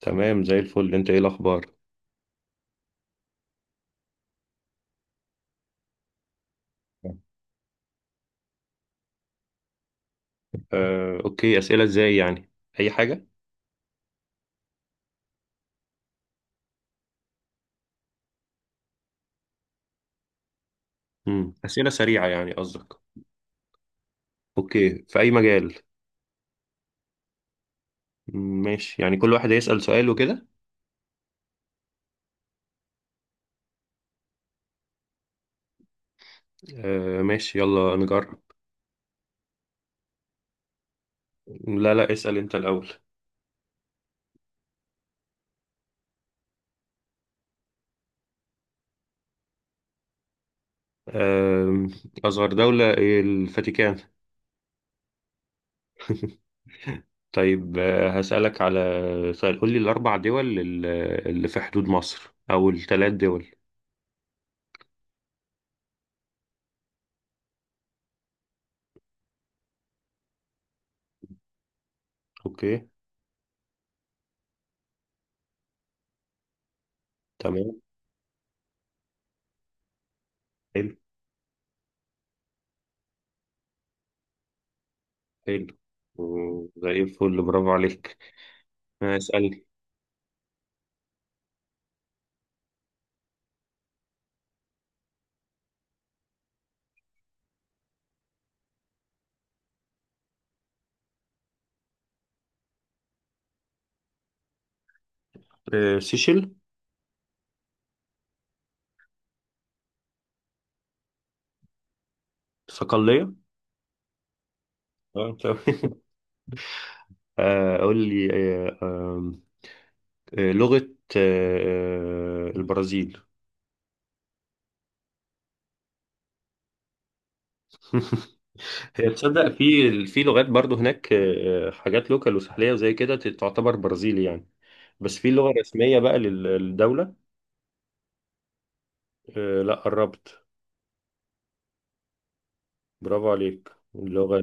تمام زي الفل. انت ايه الاخبار؟ اوكي، اسئله ازاي يعني؟ اي حاجه. اسئله سريعه يعني قصدك؟ اوكي، في اي مجال؟ ماشي، يعني كل واحد هيسال سؤال وكده. ماشي يلا نجرب. لا لا، اسال انت الاول. آم، اصغر دوله إيه؟ الفاتيكان. طيب، هسالك على سؤال. قول لي الاربع دول اللي في حدود مصر، او الثلاث دول. اوكي. تمام. حلو. حلو. زي الفل، برافو عليك. اسال. سيشل. صقلية. تمام. قول لي. آه، آم، آه، لغة البرازيل. هي تصدق، في لغات برضو هناك، حاجات لوكال وساحلية وزي كده، تعتبر برازيلي يعني. بس في لغة رسمية بقى للدولة. لا، قربت. برافو عليك اللغة.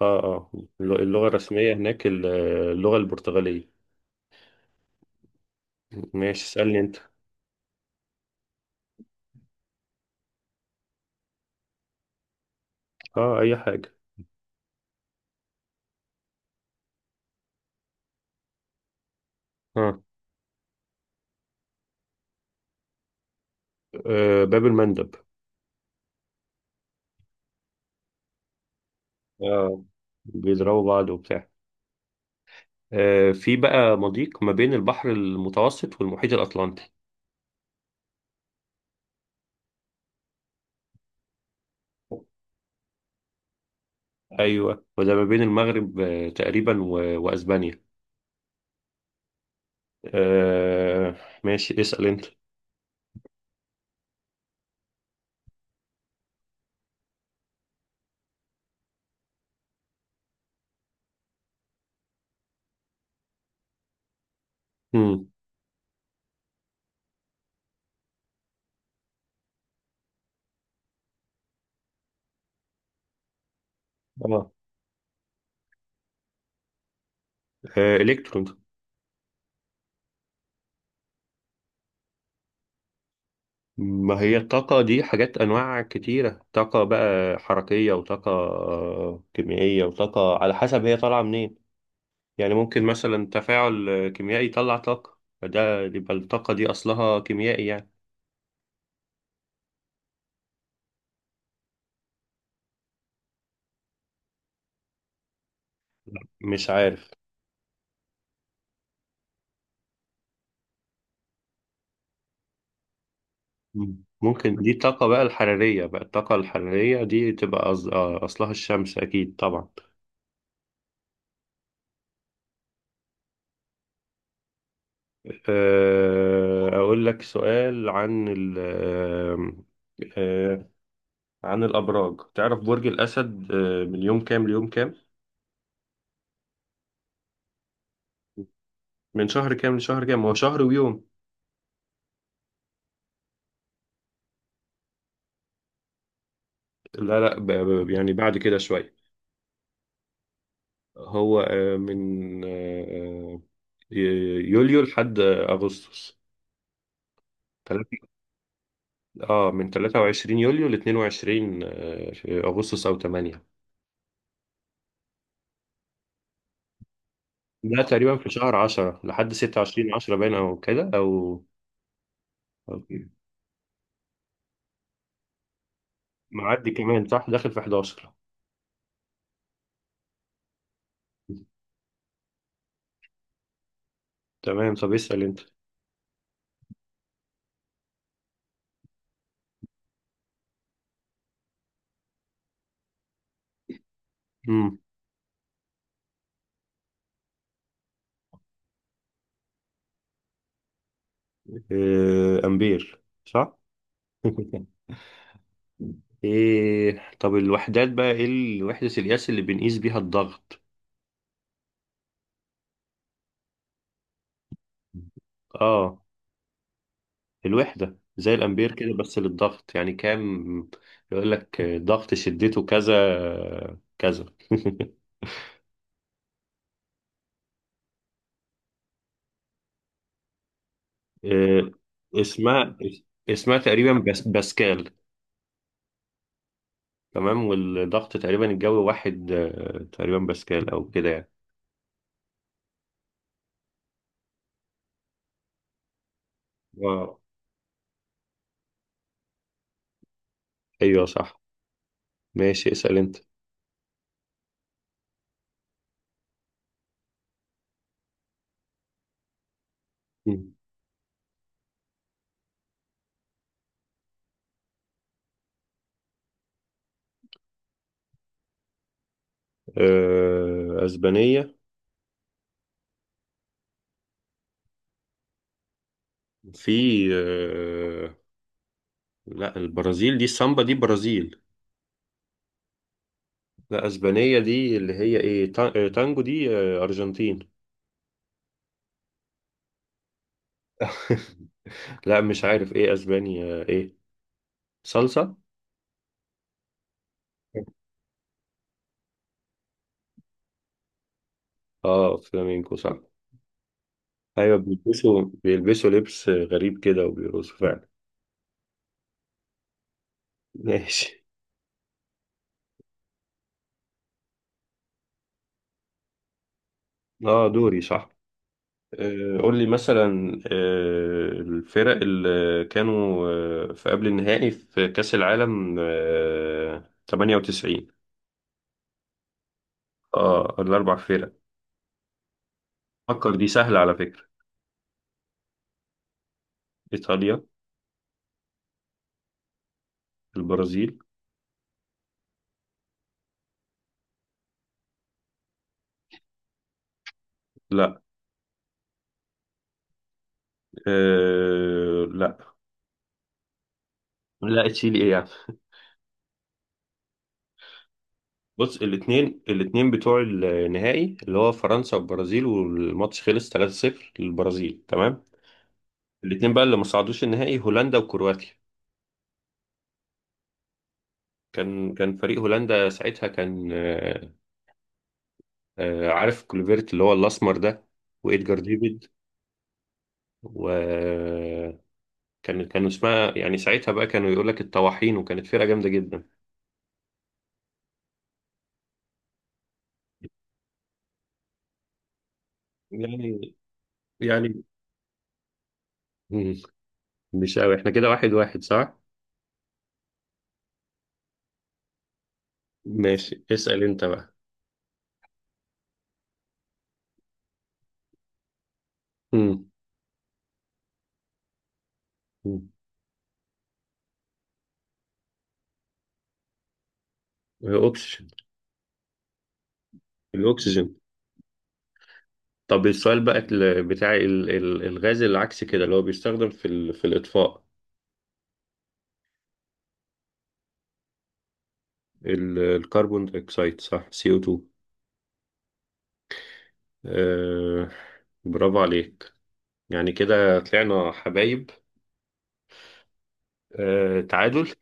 اه اه. اللغة الرسمية هناك اللغة البرتغالية. ماشي اسألني انت. اه اي حاجة. اه باب المندب. آه، بيضربوا بعض وبتاع. في بقى مضيق ما بين البحر المتوسط والمحيط الأطلنطي. أيوه، وده ما بين المغرب تقريبا و... وأسبانيا. آه، ماشي اسأل أنت. مم. اه الكترون. ما هي الطاقة دي حاجات أنواع كتيرة: طاقة بقى حركية، وطاقة كيميائية، وطاقة على حسب هي طالعة منين. يعني ممكن مثلا تفاعل كيميائي يطلع طاقة، فده يبقى الطاقة دي أصلها كيميائي يعني. مش عارف. مم. ممكن دي الطاقة بقى الحرارية، بقى الطاقة الحرارية دي تبقى أصلها الشمس أكيد طبعا. أقول لك سؤال آه، عن الأبراج. تعرف برج الأسد من يوم كام ليوم كام؟ من شهر كام لشهر كام؟ هو شهر ويوم. لا لا، يعني بعد كده شوية. هو من يوليو لحد أغسطس. اه، من 23 يوليو ل 22 في اغسطس او 8. ده تقريبا في شهر 10 لحد 26 10 باين او كده او أو كده. معدي كمان صح، داخل في 11. تمام، طب اسال انت. امم. امبير صح. ايه طب الوحدات بقى، ايه وحدة القياس اللي بنقيس بيها الضغط؟ اه، الوحدة زي الامبير كده، بس للضغط يعني كام؟ يقول لك ضغط شدته كذا كذا. آه، اسمها اسمها تقريبا بس باسكال. تمام، والضغط تقريبا الجوي واحد، تقريبا باسكال او كده يعني. آه، ايوه صح. ماشي اسأل انت. مم. اسبانية. في. آه، لا، البرازيل دي السامبا دي برازيل. لا، اسبانية دي اللي هي ايه تانجو دي ارجنتين. لا مش عارف ايه اسبانيا ايه. صلصة. اه فلامينكو صح. ايوه، بيلبسوا لبس غريب كده وبيرقصوا فعلا. ماشي. اه دوري صح. قول لي مثلا الفرق اللي كانوا في قبل النهائي في كأس العالم 98. اه الاربع فرق. فكر، دي سهلة على فكرة. ايطاليا. البرازيل. لا. آه لا. لا تشيلي ايه يعني. بص، الاثنين بتوع النهائي اللي هو فرنسا والبرازيل، والماتش خلص 3-0 للبرازيل، تمام. الاتنين بقى اللي ما صعدوش النهائي هولندا وكرواتيا. كان فريق هولندا ساعتها كان، عارف كلوفيرت اللي هو الاسمر ده، وإدجار ديفيد. وكان كانوا اسمها يعني ساعتها بقى كانوا يقول لك الطواحين، وكانت فرقة جامدة جدا. يعني. يعني. مم. مش قوي، احنا كده واحد واحد صح؟ ماشي اسأل انت بقى. مم. مم. الاكسجين. الاكسجين. طب السؤال بقى الغاز العكسي كده اللي هو بيستخدم في الاطفاء. الكربون دايوكسيد صح CO2. آه برافو عليك. يعني كده طلعنا حبايب. آه تعادل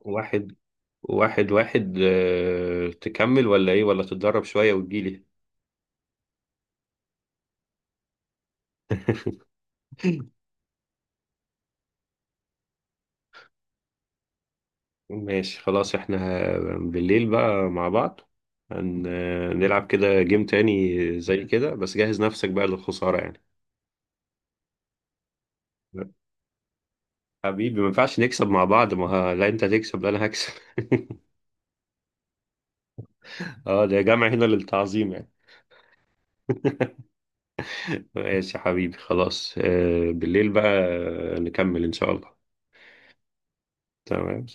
واحد واحد. واحد. آه تكمل ولا ايه، ولا تتدرب شوية وتجيلي؟ ماشي خلاص، احنا بالليل بقى مع بعض هن- هنلعب كده جيم تاني زي كده، بس جهز نفسك بقى للخسارة يعني. حبيبي ما ينفعش نكسب مع بعض، ما ه- لا انت تكسب، لا انا هكسب. اه ده يا جماعة هنا للتعظيم يعني. ماشي يا حبيبي خلاص، بالليل بقى نكمل إن شاء الله. تمام.